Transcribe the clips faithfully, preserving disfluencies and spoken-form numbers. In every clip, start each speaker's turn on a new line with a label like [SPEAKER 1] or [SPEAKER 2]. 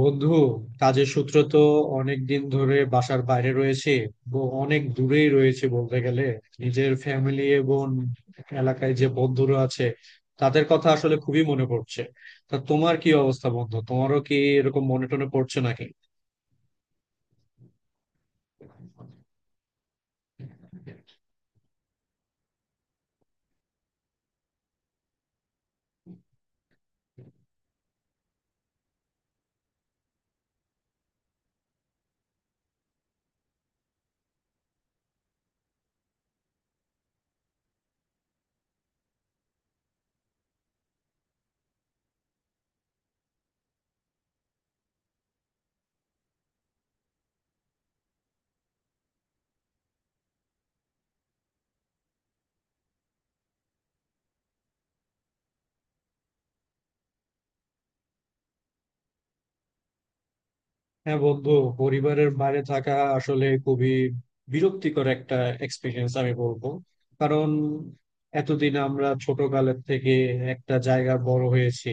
[SPEAKER 1] বন্ধু কাজের সূত্র তো অনেক দিন ধরে বাসার বাইরে রয়েছে। ব- অনেক দূরেই রয়েছে বলতে গেলে। নিজের ফ্যামিলি এবং এলাকায় যে বন্ধুরা আছে, তাদের কথা আসলে খুবই মনে পড়ছে। তা তোমার কি অবস্থা বন্ধু, তোমারও কি এরকম মনে টনে পড়ছে নাকি? হ্যাঁ বন্ধু, পরিবারের বাইরে থাকা আসলে খুবই বিরক্তিকর একটা এক্সপিরিয়েন্স আমি বলবো। কারণ এতদিন আমরা ছোটকালের থেকে একটা জায়গায় বড় হয়েছি।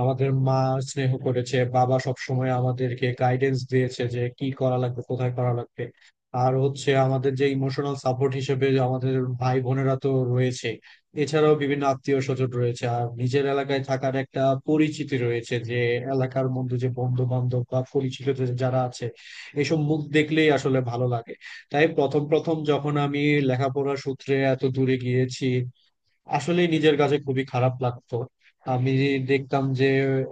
[SPEAKER 1] আমাদের মা স্নেহ করেছে, বাবা সবসময় আমাদেরকে গাইডেন্স দিয়েছে যে কি করা লাগবে কোথায় করা লাগবে। আর হচ্ছে আমাদের যে ইমোশনাল সাপোর্ট হিসেবে আমাদের ভাই বোনেরা তো রয়েছে, এছাড়াও বিভিন্ন আত্মীয় স্বজন রয়েছে। আর নিজের এলাকায় থাকার একটা পরিচিতি রয়েছে যে এলাকার মধ্যে যে বন্ধু বান্ধব বা পরিচিত যে- যারা আছে, এসব মুখ দেখলেই আসলে ভালো লাগে। তাই প্রথম প্রথম যখন আমি লেখাপড়া সূত্রে এত দূরে গিয়েছি, আসলে নিজের কাছে খুবই খারাপ লাগতো। আমি দেখতাম যে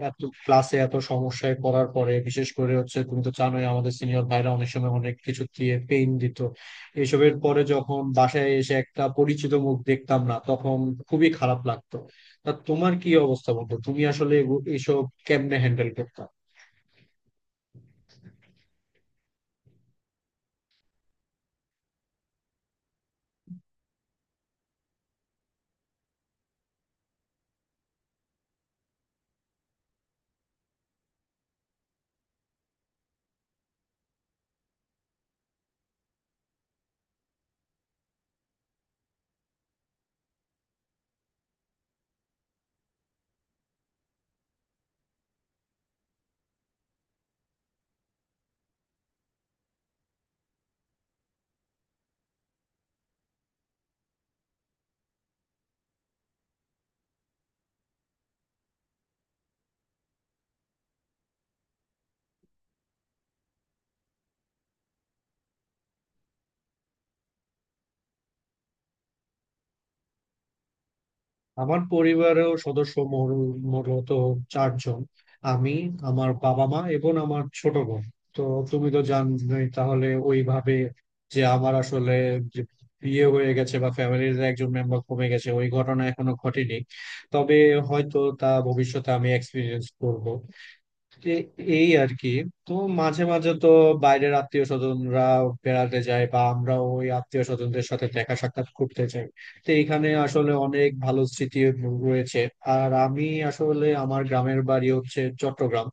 [SPEAKER 1] এত ক্লাসে এত সমস্যায় পড়ার পরে বিশেষ করে হচ্ছে তুমি তো জানোই আমাদের সিনিয়র ভাইরা অনেক সময় অনেক কিছু দিয়ে পেইন দিত। এসবের পরে যখন বাসায় এসে একটা পরিচিত মুখ দেখতাম না, তখন খুবই খারাপ লাগতো। তা তোমার কি অবস্থা বন্ধু, তুমি আসলে এগু- এসব কেমনে হ্যান্ডেল করতে? আমার পরিবারেও সদস্য মোর- মোট চারজন। আমি, আমার বাবা মা এবং আমার ছোট বোন। তো তুমি তো জানোই তাহলে ওইভাবে যে আমার আসলে যে বিয়ে হয়ে গেছে বা ফ্যামিলির একজন মেম্বার কমে গেছে ওই ঘটনা এখনো ঘটেনি। তবে হয়তো তা ভবিষ্যতে আমি এক্সপিরিয়েন্স করব। এ- এই আর কি। তো মাঝে মাঝে তো বাইরের আত্মীয় স্বজনরা বেড়াতে যায় বা আমরা ওই আত্মীয় স্বজনদের সাথে দেখা সাক্ষাৎ করতে যাই। তো এখানে আসলে অনেক ভালো স্মৃতি রয়েছে। আর আমি আসলে আমার গ্রামের বাড়ি হচ্ছে চট্টগ্রাম।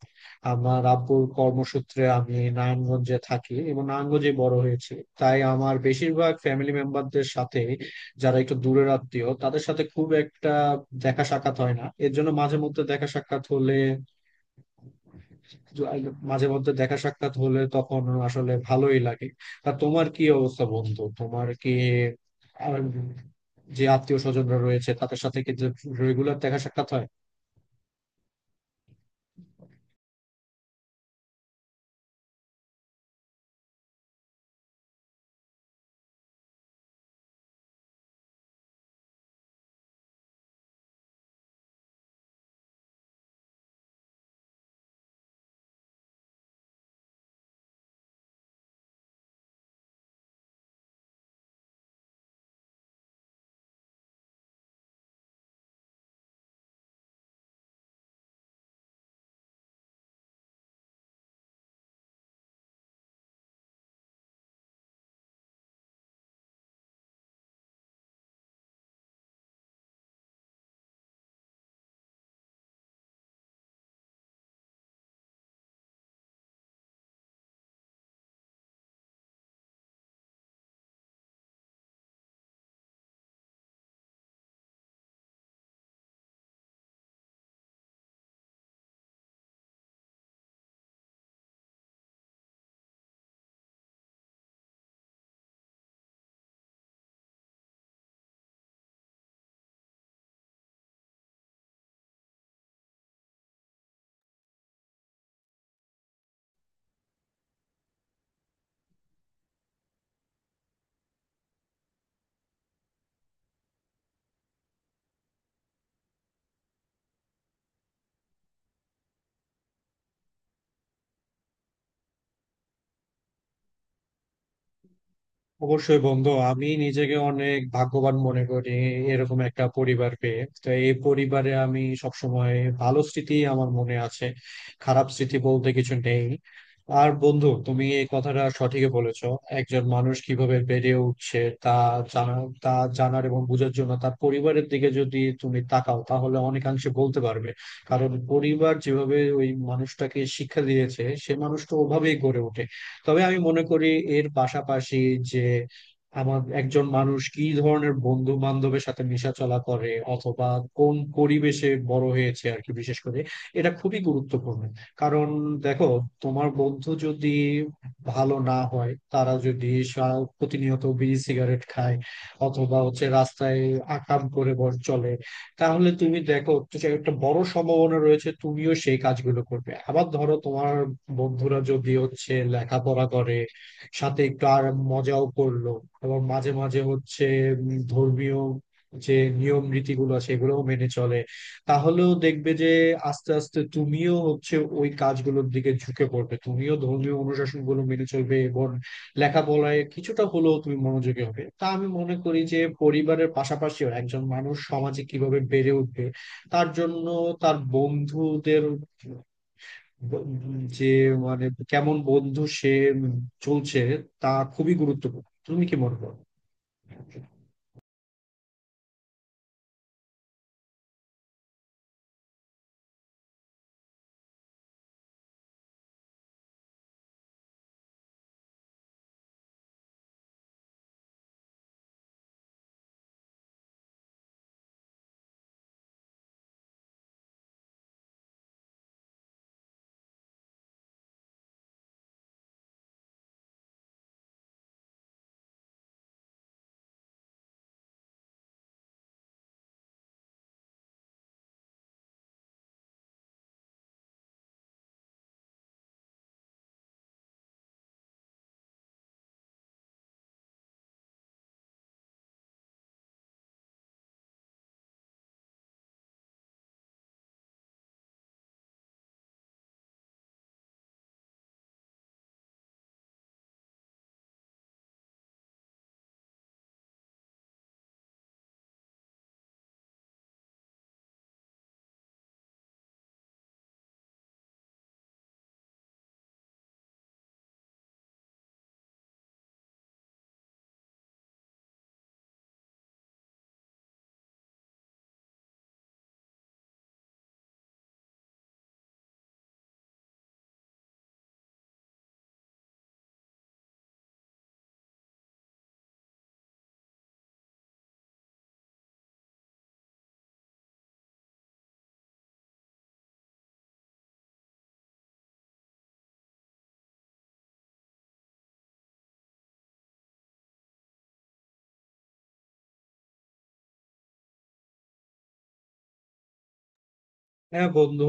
[SPEAKER 1] আমার আব্বুর কর্মসূত্রে আমি নারায়ণগঞ্জে থাকি এবং নারায়ণগঞ্জে বড় হয়েছি। তাই আমার বেশিরভাগ ফ্যামিলি মেম্বারদের সাথে, যারা একটু দূরের আত্মীয় তাদের সাথে খুব একটা দেখা সাক্ষাৎ হয় না। এর জন্য মাঝে মধ্যে দেখা সাক্ষাৎ হলে মাঝে মধ্যে দেখা সাক্ষাৎ হলে তখন আসলে ভালোই লাগে। তা তোমার কি অবস্থা বন্ধু, তোমার কি আর যে আত্মীয় স্বজনরা রয়েছে তাদের সাথে কি রেগুলার দেখা সাক্ষাৎ হয়? অবশ্যই বন্ধু, আমি নিজেকে অনেক ভাগ্যবান মনে করি এরকম একটা পরিবার পেয়ে। তো এই পরিবারে আমি সবসময় ভালো স্মৃতি আমার মনে আছে, খারাপ স্মৃতি বলতে কিছু নেই। আর বন্ধু তুমি এই কথাটা সঠিকই বলেছো। একজন মানুষ কিভাবে বেড়ে উঠছে তা জানা তা জানার এবং বোঝার জন্য তার পরিবারের দিকে যদি তুমি তাকাও তাহলে অনেকাংশে বলতে পারবে। কারণ পরিবার যেভাবে ওই মানুষটাকে শিক্ষা দিয়েছে সে মানুষটা ওভাবেই গড়ে ওঠে। তবে আমি মনে করি এর পাশাপাশি যে আমার একজন মানুষ কি ধরনের বন্ধু বান্ধবের সাথে মেশা চলা করে অথবা কোন পরিবেশে বড় হয়েছে আর কি, বিশেষ করে এটা খুবই গুরুত্বপূর্ণ। কারণ দেখো, তোমার বন্ধু যদি ভালো না হয়, তারা যদি সা- প্রতিনিয়ত বিড়ি সিগারেট খায় অথবা হচ্ছে রাস্তায় আকাম করে বর চলে, তাহলে তুমি দেখো যে একটা বড় সম্ভাবনা রয়েছে তুমিও সেই কাজগুলো করবে। আবার ধরো তোমার বন্ধুরা যদি হচ্ছে লেখাপড়া করে, সাথে একটু আর মজাও করলো এবং মাঝে মাঝে হচ্ছে উম, ধর্মীয় যে নিয়ম নীতিগুলো আছে এগুলোও মেনে চলে, তাহলেও দেখবে যে আস্তে আস্তে তুমিও হচ্ছে ওই কাজগুলোর দিকে ঝুঁকে পড়বে, তুমিও ধর্মীয় অনুশাসন গুলো মেনে চলবে এবং লেখাপড়ায় কিছুটা হলেও তুমি মনোযোগী হবে। তা আমি মনে করি যে পরিবারের পাশাপাশিও একজন মানুষ সমাজে কিভাবে বেড়ে উঠবে তার জন্য তার বন্ধুদের ব- যে মানে কেমন বন্ধু সে চলছে তা খুবই গুরুত্বপূর্ণ। তুমি কি মনে করো? হ্যাঁ বন্ধু,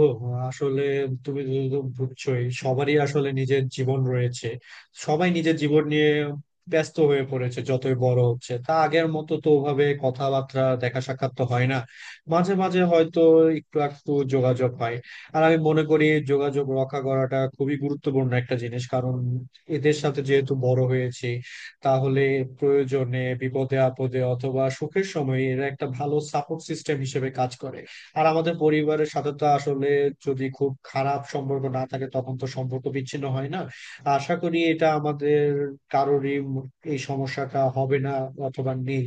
[SPEAKER 1] আসলে তুমি তো বুঝছোই সবারই আসলে নিজের জীবন রয়েছে, সবাই নিজের জীবন নিয়ে ব্যস্ত হয়ে পড়েছে যতই বড় হচ্ছে। তা আগের মতো তো ওভাবে কথাবার্তা দেখা সাক্ষাৎ তো হয় না, মাঝে মাঝে হয়তো একটু একটু যোগাযোগ হয়। আর আমি মনে করি যোগাযোগ রক্ষা করাটা খুবই গুরুত্বপূর্ণ একটা জিনিস, কারণ এদের সাথে যেহেতু বড় হয়েছি তাহলে প্রয়োজনে বিপদে আপদে অথবা সুখের সময় এরা একটা ভালো সাপোর্ট সিস্টেম হিসেবে কাজ করে। আর আমাদের পরিবারের সাথে তো আসলে যদি খুব খারাপ সম্পর্ক না থাকে তখন তো সম্পর্ক বিচ্ছিন্ন হয় না। আশা করি এটা আমাদের কারোরই ম- এই সমস্যাটা হবে না অথবা নেই।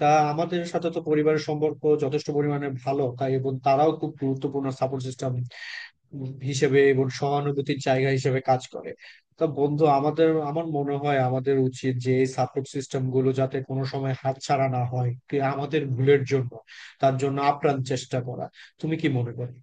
[SPEAKER 1] তা আমাদের সাথে তো পরিবারের সম্পর্ক যথেষ্ট পরিমাণে ভালো, তাই এবং তারাও খুব গুরুত্বপূর্ণ সাপোর্ট সিস্টেম হিসেবে এবং সহানুভূতির জায়গা হিসেবে কাজ করে। তা বন্ধু আমাদের, আমার মনে হয় আমাদের উচিত যে এই সাপোর্ট সিস্টেম গুলো যাতে কোনো সময় হাতছাড়া না হয় কি আমাদের ভুলের জন্য, তার জন্য আপ্রাণ চেষ্টা করা। তুমি কি মনে করো?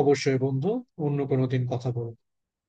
[SPEAKER 1] অবশ্যই বন্ধু, অন্য কোনো দিন কথা বলবো।